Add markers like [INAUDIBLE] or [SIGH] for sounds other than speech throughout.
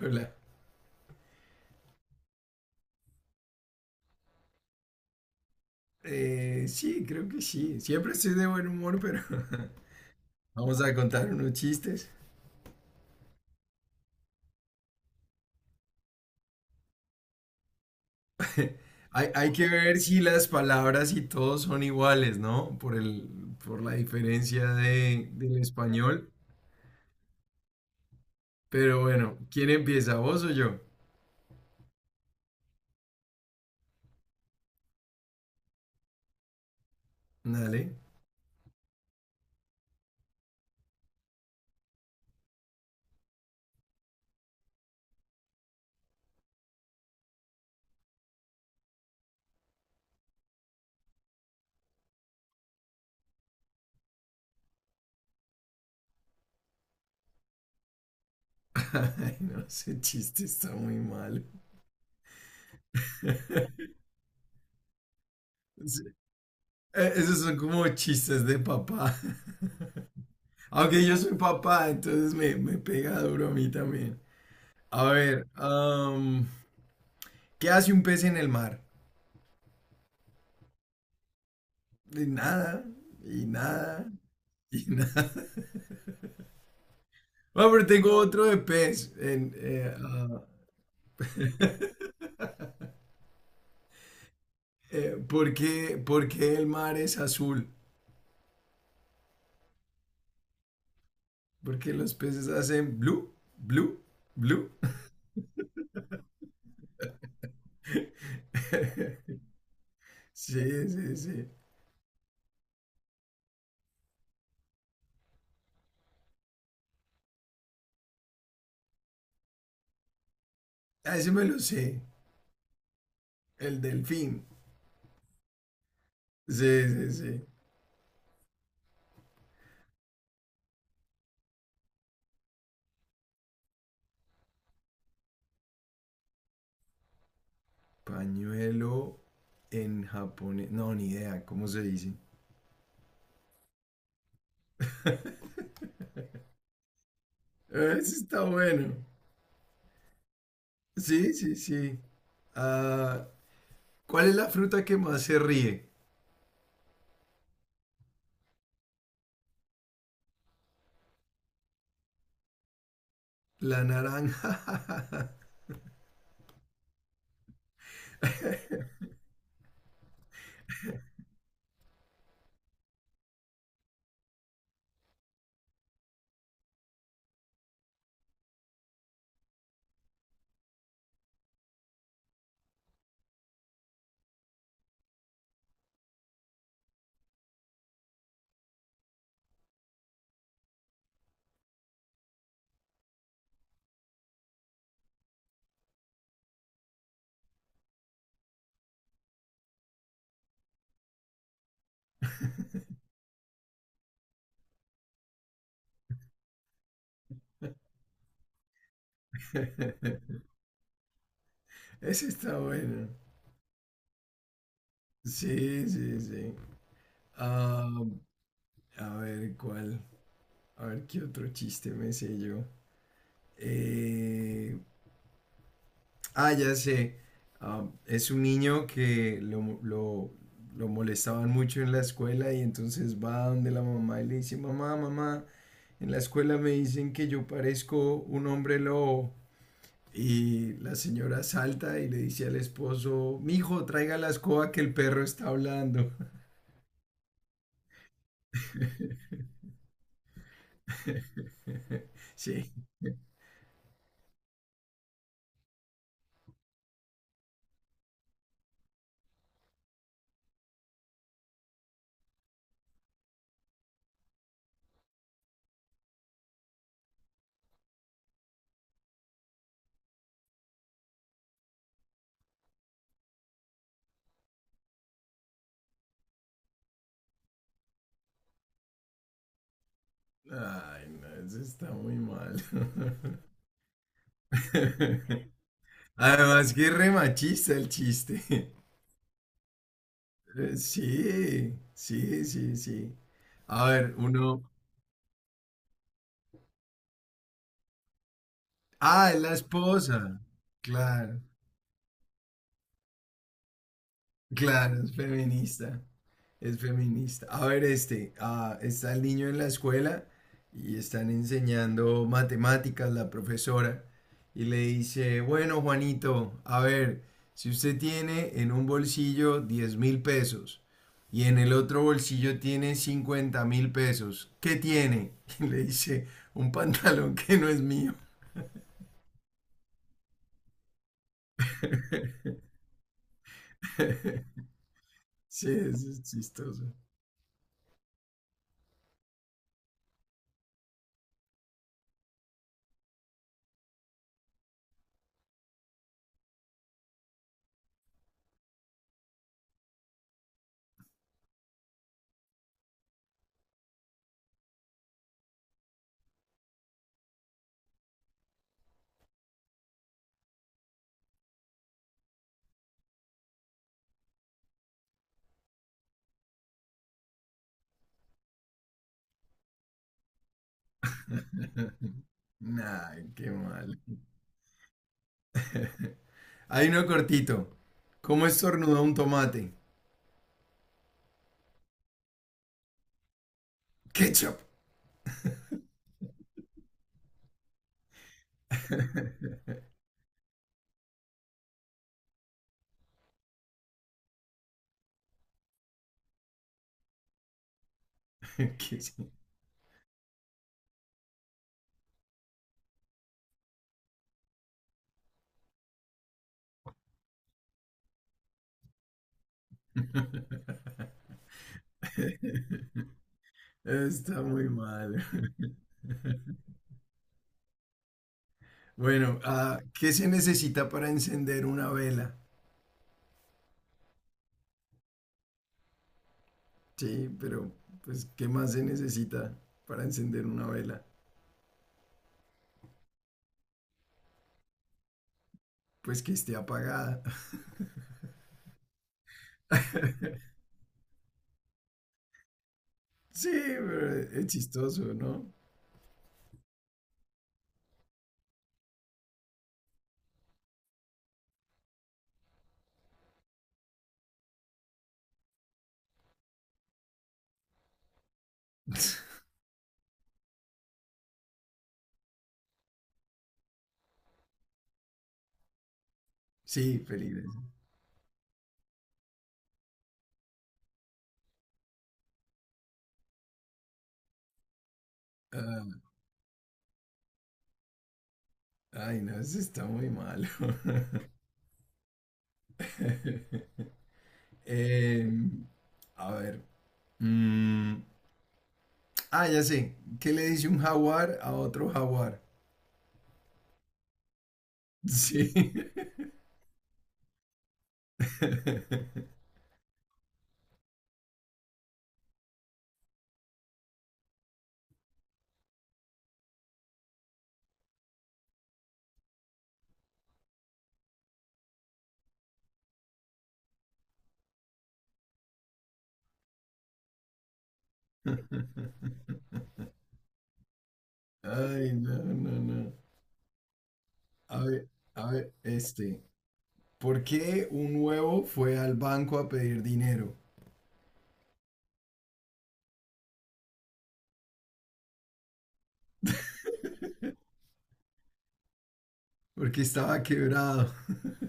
Hola. Sí, creo que sí. Siempre estoy de buen humor, pero [LAUGHS] vamos a contar unos chistes. Hay que ver si las palabras y todo son iguales, ¿no? Por la diferencia del español. Pero bueno, ¿quién empieza, vos o yo? Dale. [LAUGHS] Ay, no, ese chiste está muy mal. [LAUGHS] Sí, esos son como chistes de papá. [LAUGHS] Aunque yo soy papá, entonces me pega duro a mí también. A ver, ¿qué hace un pez en el mar? Y nada, y nada, y nada. [LAUGHS] Bueno, pero tengo otro de pez. Por qué el mar es azul? Porque los peces hacen blue, blue, blue. [LAUGHS] Sí, sí, sí. Ah, ese me lo sé. El delfín. Sí, sí, sí. Pañuelo en japonés. No, ni idea. ¿Cómo se dice? [LAUGHS] Ese está bueno. Sí, sí, sí. Ah, ¿cuál es la fruta que más se ríe? La naranja. [LAUGHS] Ese está bueno. Sí, sí, sí. Ah, a ver, ¿cuál? A ver, ¿qué otro chiste me sé yo? Eh, ya sé. Ah, es un niño que lo molestaban mucho en la escuela y entonces va donde la mamá y le dice, mamá, mamá, en la escuela me dicen que yo parezco un hombre lobo. Y la señora salta y le dice al esposo, mijo, traiga la escoba que el perro está hablando. [LAUGHS] Sí. Ay, no, eso está muy mal. [LAUGHS] Además que es re machista el chiste. [LAUGHS] Sí, sí, sí, sí. A ver, uno... Ah, es la esposa. Claro, claro, es feminista. Es feminista. A ver, está el niño en la escuela y están enseñando matemáticas la profesora y le dice, bueno, Juanito, a ver, si usted tiene en un bolsillo 10.000 pesos y en el otro bolsillo tiene 50.000 pesos, ¿qué tiene? [LAUGHS] Y le dice, un pantalón que no es mío. [LAUGHS] Sí, eso es chistoso. [LAUGHS] Nah, qué mal. [LAUGHS] Hay uno cortito. ¿Cómo estornuda un tomate? Ketchup. [LAUGHS] Ketchup. [LAUGHS] Está muy mal. [LAUGHS] Bueno, ah, ¿qué se necesita para encender una vela? Sí, pero pues ¿qué más se necesita para encender una vela? Pues que esté apagada. [LAUGHS] Sí, pero es chistoso, ¿no? [LAUGHS] Sí, Felipe. Ah, ay, no, eso está muy malo. [LAUGHS] Eh, a ver. mm, ya sé. ¿Qué le dice un jaguar a otro jaguar? Sí. [LAUGHS] Ay, no, no, no. A ver, a ver, este. ¿Por qué un huevo fue al banco a pedir dinero? Porque estaba quebrado. [LAUGHS]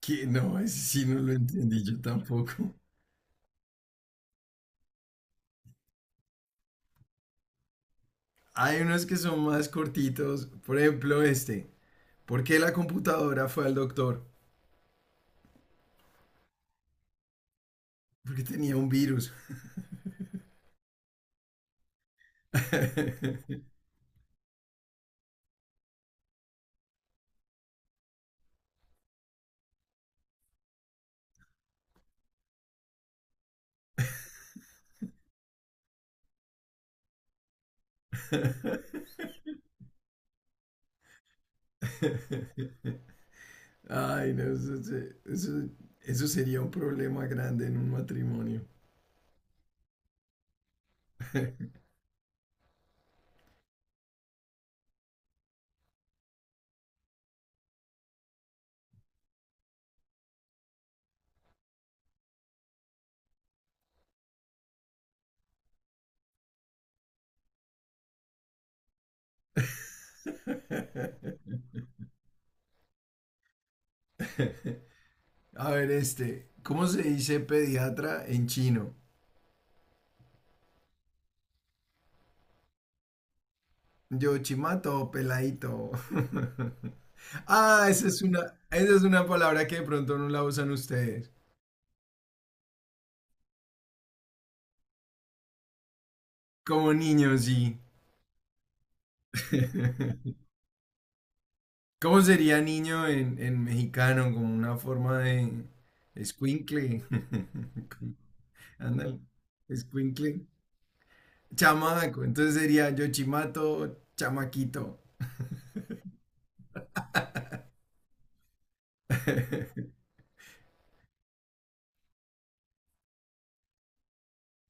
Que no, ese sí no lo entendí yo tampoco. Hay unos que son más cortitos. Por ejemplo, este. ¿Por qué la computadora fue al doctor? Porque tenía un virus. [LAUGHS] Ay, no, eso, se- eso- eso sería un problema grande en un matrimonio. [LAUGHS] A ver, este, ¿cómo se dice pediatra en chino? Yo chimato, peladito. [LAUGHS] Ah, esa es una palabra que de pronto no la usan ustedes. Como niños, sí. [LAUGHS] ¿Cómo sería niño en mexicano? Como una forma de escuincle. [LAUGHS] Ándale, escuincle. Chamaco, entonces sería Yochimato, chamaquito. [LAUGHS]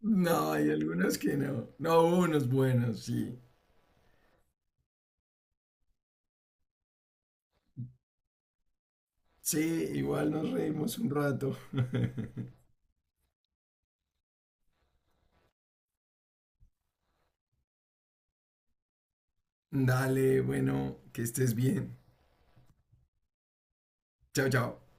No, hay algunos que no. No, hubo unos buenos, sí. Sí, igual nos reímos un rato. [LAUGHS] Dale, bueno, que estés bien. Chao, chao.